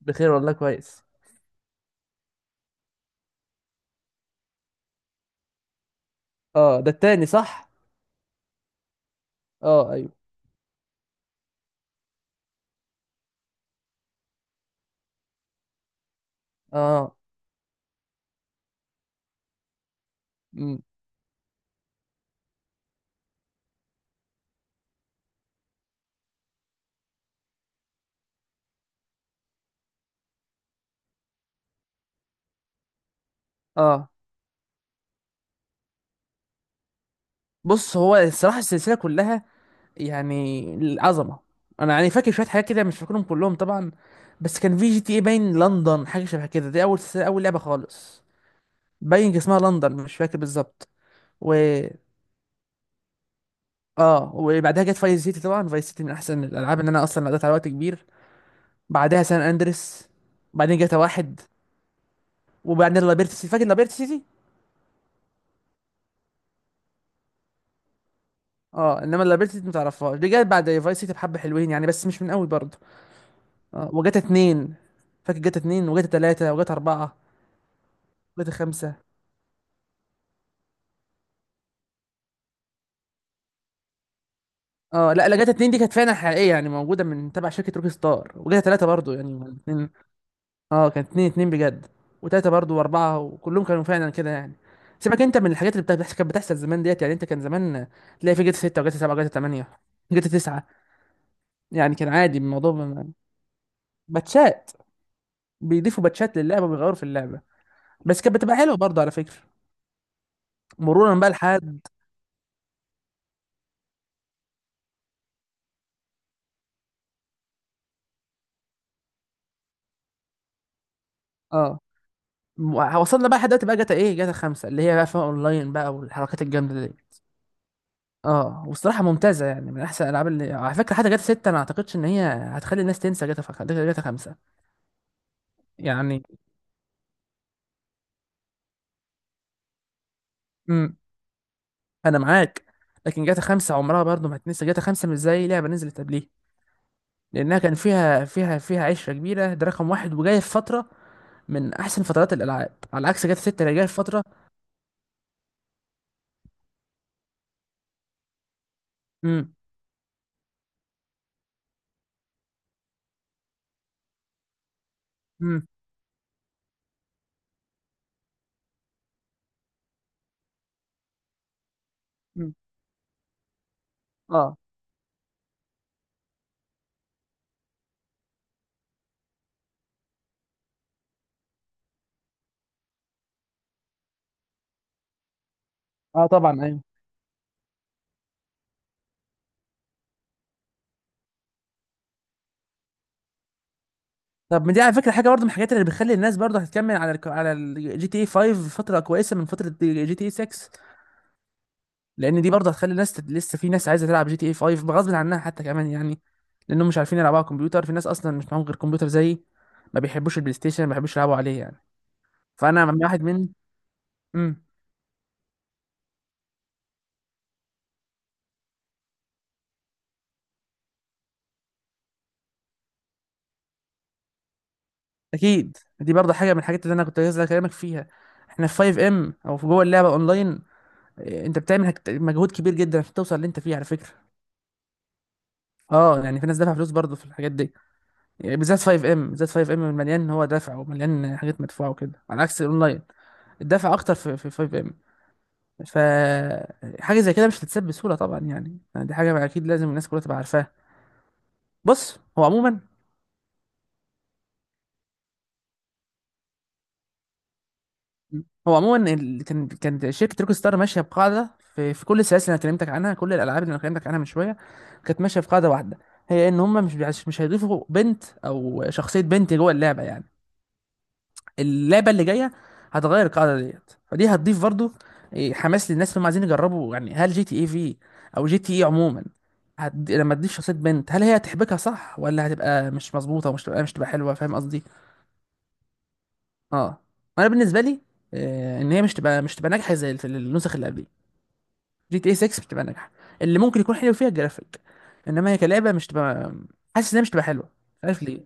بخير والله، كويس. اه، ده التاني، صح. اه، ايوه. اه. مم. اه، بص هو الصراحه السلسله كلها يعني العظمه. انا يعني فاكر شويه حاجات كده، مش فاكرهم كلهم طبعا. بس كان في جي تي اي باين لندن، حاجه شبه كده، دي اول سلسله، اول لعبه خالص. باين اسمها لندن، مش فاكر بالظبط. و اه، وبعدها جت فايس سيتي. طبعا فايس سيتي من احسن الالعاب، ان انا اصلا قضيت على وقت كبير. بعدها سان اندريس، بعدين جاتا واحد، وبعدين لابيرت سيتي. فاكر لابيرت سيتي. اه، انما لابيلتي دي متعرفهاش، دي جت بعد فايس سيتي. بحبه حلوين يعني، بس مش من قوي برضه. اه وجت اتنين. فاكر جت اتنين وجت تلاتة وجت اربعة وجت خمسة. اه، لا لا، جت اتنين دي كانت فعلا حقيقية، يعني موجودة من تبع شركة روك ستار. وجت تلاتة برضه، يعني اتنين. اه، كانت اتنين اتنين بجد، وتلاتة برضه واربعة، وكلهم كانوا فعلا كده يعني. سيبك انت من الحاجات اللي كانت بتحصل زمان ديت. يعني انت كان زمان تلاقي في جت ستة وجت سبعة وجت تمانية، جت تسعة. يعني كان عادي الموضوع باتشات، بيضيفوا باتشات للعبة وبيغيروا في اللعبة. بس كانت بتبقى حلوه برضه على فكره، مرورا بقى لحد. اه، وصلنا بقى لحد دلوقتي، بقى جاتا ايه، جاتا خمسة، اللي هي بقى فيها اونلاين بقى والحركات الجامده دي. اه، وصراحه ممتازه يعني، من احسن الالعاب اللي على فكره. حتى جاتا ستة انا ما اعتقدش ان هي هتخلي الناس تنسى جاتا جاتا خمسة يعني. امم، انا معاك. لكن جاتا خمسة عمرها برضه ما هتنسى جاتا خمسة، مش زي لعبه نزلت قبليه. لانها كان فيها عشره كبيره، ده رقم واحد، وجايه في فتره من احسن فترات الالعاب، على عكس جاتا ستة اللي جايه في فتره. امم. امم. امم. اه. اه طبعا، ايوه. طب ما دي على فكره حاجه برضه من الحاجات اللي بتخلي الناس برضه هتكمل على على الجي تي اي 5 فتره كويسه من فتره جي تي اي 6. لان دي برضه هتخلي الناس لسه في ناس عايزه تلعب جي تي اي 5 بغصب عنها حتى كمان يعني. لانهم مش عارفين يلعبوا على الكمبيوتر، في ناس اصلا مش معاهم غير كمبيوتر زيي. ما بيحبوش البلاي ستيشن، ما بيحبوش يلعبوا عليه يعني. فانا من واحد من. امم. اكيد، دي برضه حاجه من الحاجات اللي انا كنت عايز اكلمك فيها. احنا في 5 ام او في جوه اللعبه اونلاين، انت بتعمل مجهود كبير جدا عشان توصل اللي انت فيه على فكره. اه يعني في ناس دافعه فلوس برضه في الحاجات دي، يعني بالذات 5 ام، بالذات 5 ام مليان. هو دفع ومليان حاجات مدفوعه وكده، على عكس الاونلاين. الدفع اكتر في 5 ام. ف حاجه زي كده مش هتتساب بسهوله طبعا يعني. يعني دي حاجه اكيد لازم الناس كلها تبقى عارفاها. بص هو عموما، هو عموما كان شركه روك ستار ماشيه بقاعده في كل السلاسل اللي انا كلمتك عنها، كل الالعاب اللي انا كلمتك عنها من شويه، كانت ماشيه في قاعده واحده. هي ان هم مش هيضيفوا بنت او شخصيه بنت جوه اللعبه يعني. اللعبه اللي جايه هتغير القاعده ديت، فدي هتضيف برضو حماس للناس اللي هم عايزين يجربوا. يعني هل جي تي اي في، او جي تي اي عموما، لما تضيف شخصيه بنت، هل هي هتحبكها صح ولا هتبقى مش مظبوطه؟ ومش تبقى مش تبقى حلوه، فاهم قصدي؟ اه، انا بالنسبه لي ان هي مش تبقى ناجحه زي النسخ اللي قبليه. جي تي اي 6 مش تبقى ناجحه. اللي ممكن يكون حلو فيها الجرافيك، انما هي كلعبه مش تبقى، حاسس انها مش تبقى حلوه. مش عارف ليه.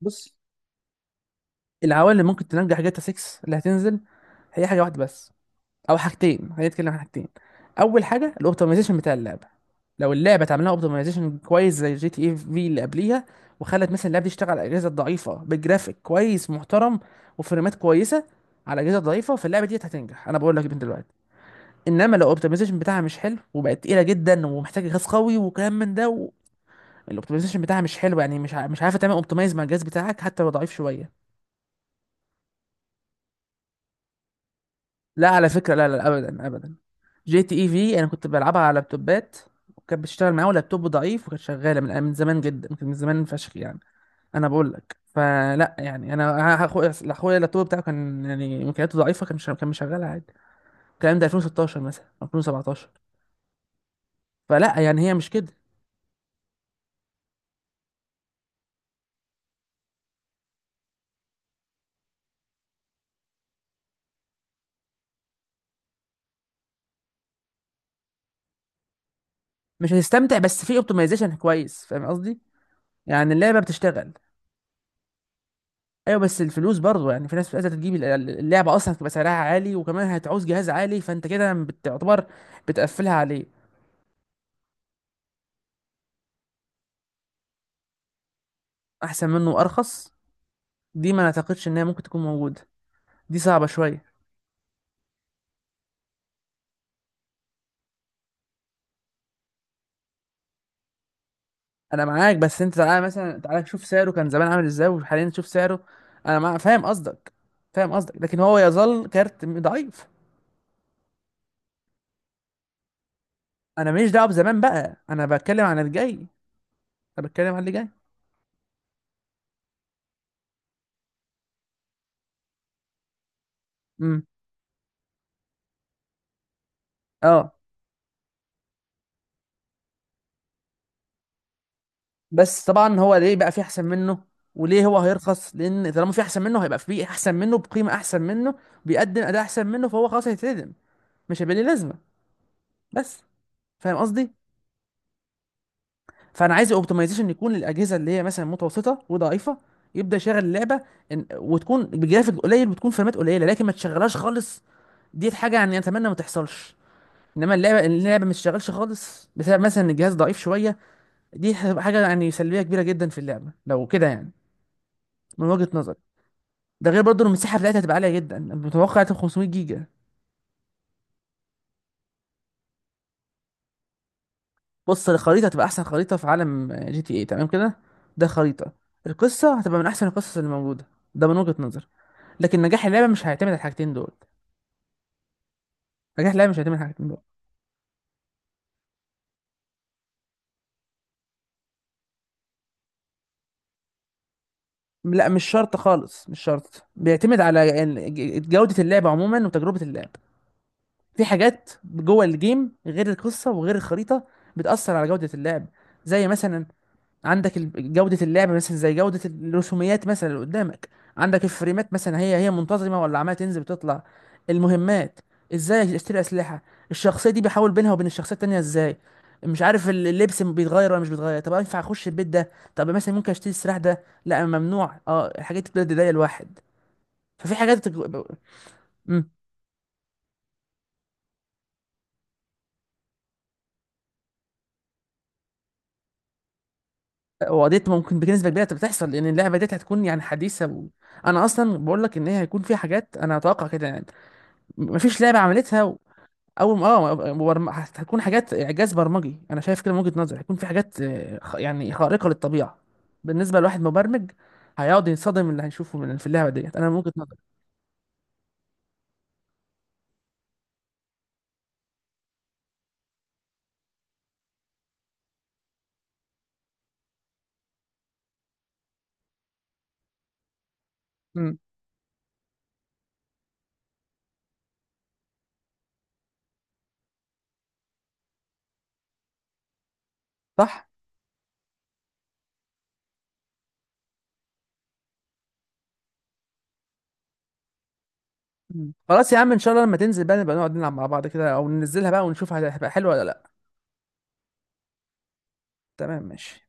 بص، العوامل اللي ممكن تنجح جاتا 6 اللي هتنزل، هي حاجه واحده بس، او حاجتين. خلينا نتكلم عن حاجتين. اول حاجه الاوبتمايزيشن بتاع اللعبه. لو اللعبه اتعمل لها اوبتمايزيشن كويس زي جي تي اي في اللي قبليها، وخلت مثلا اللعبه دي تشتغل على الاجهزه الضعيفه بجرافيك كويس محترم وفريمات كويسه على اجهزه ضعيفه، فاللعبه دي هتنجح، انا بقول لك من دلوقتي. انما لو الاوبتمايزيشن بتاعها مش حلو، وبقت تقيله جدا ومحتاجه جهاز قوي وكلام من ده. و الاوبتمايزيشن بتاعها مش حلو، يعني مش عارفه تعمل اوبتمايز مع الجهاز بتاعك حتى لو ضعيف شويه. لا على فكرة، لا لا، أبدا أبدا. جي تي اي في أنا كنت بلعبها على لابتوبات، وكانت بتشتغل معايا ولابتوب ضعيف. وكانت شغالة من زمان جدا، كان من زمان فشخ يعني. أنا بقول لك فلا يعني. أنا أخويا اللابتوب بتاعه كان يعني إمكانياته ضعيفة، كان مش كان مشغلها عادي. الكلام ده 2016 مثلا أو 2017. فلا يعني هي مش كده. مش هتستمتع، بس في اوبتمايزيشن كويس، فاهم قصدي؟ يعني اللعبة بتشتغل. ايوه بس الفلوس برضه يعني، في ناس عايزه تجيب اللعبه، اصلا هتبقى سعرها عالي وكمان هتعوز جهاز عالي، فانت كده بتعتبر بتقفلها عليه. احسن منه وارخص. دي ما اعتقدش ان هي ممكن تكون موجوده. دي صعبه شويه. انا معاك، بس انت تعالى مثلا، تعالى شوف سعره كان زمان عامل ازاي وحاليا شوف سعره. فاهم قصدك. فاهم قصدك، لكن هو يظل كارت ضعيف. انا ماليش دعوه بزمان بقى، انا بتكلم عن الجاي، انا بتكلم عن اللي جاي. امم. اه، بس طبعا هو ليه بقى في احسن منه، وليه هو هيرخص؟ لان طالما في احسن منه، هيبقى في احسن منه بقيمه احسن منه، بيقدم اداء احسن منه، فهو خلاص هيتردم، مش هيبقى ليه لازمه. بس فاهم قصدي. فانا عايز اوبتمايزيشن يكون للاجهزه اللي هي مثلا متوسطه وضعيفه، يبدا يشغل اللعبه وتكون بجرافيك قليل وتكون فريمات قليله، لكن ما تشغلهاش خالص. دي حاجه يعني اتمنى ما تحصلش. انما اللعبه ما تشتغلش خالص بسبب مثلا ان الجهاز ضعيف شويه، دي هتبقى حاجه يعني سلبيه كبيره جدا في اللعبه لو كده يعني، من وجهه نظري. ده غير برضه المساحه بتاعتها، هتبقى عاليه جدا، متوقع هتبقى 500 جيجا. بص الخريطه هتبقى احسن خريطه في عالم جي تي اي، تمام كده؟ ده خريطه. القصه هتبقى من احسن القصص اللي موجوده. ده من وجهه نظر. لكن نجاح اللعبه مش هيعتمد على الحاجتين دول. نجاح اللعبه مش هيعتمد على الحاجتين دول. لا مش شرط خالص، مش شرط. بيعتمد على جوده اللعبه عموما وتجربه اللعب. في حاجات جوه الجيم غير القصه وغير الخريطه بتاثر على جوده اللعب. زي مثلا، عندك جودة اللعب مثلا، زي جودة الرسوميات مثلا اللي قدامك. عندك الفريمات مثلا، هي منتظمة ولا عمالة تنزل بتطلع. المهمات، ازاي اشتري اسلحة، الشخصية دي بحاول بينها وبين الشخصية التانية ازاي، مش عارف اللبس بيتغير ولا مش بيتغير، طب ينفع اخش البيت ده، طب مثلا ممكن اشتري السلاح ده لا ممنوع، اه، الحاجات دي بتضايق الواحد. ففي حاجات امم. وقضيت، ممكن بنسبة كبيرة بتحصل، لأن اللعبة دي هتكون يعني حديثة و... أنا أصلا بقول لك إن هي هيكون فيها حاجات، أنا أتوقع كده يعني. مفيش لعبة عملتها. او اه هتكون حاجات اعجاز برمجي، انا شايف كده من وجهة نظري. هيكون في حاجات يعني خارقة للطبيعة. بالنسبة لواحد مبرمج، هيقعد ينصدم من اللي هيشوفه من في اللعبة ديت، انا من وجهة نظري. مم. صح. مم. خلاص يا عم ان شاء الله لما تنزل بقى، نبقى نقعد نلعب مع بعض كده، او ننزلها بقى ونشوف هتبقى حلوة ولا لا. تمام، ماشي.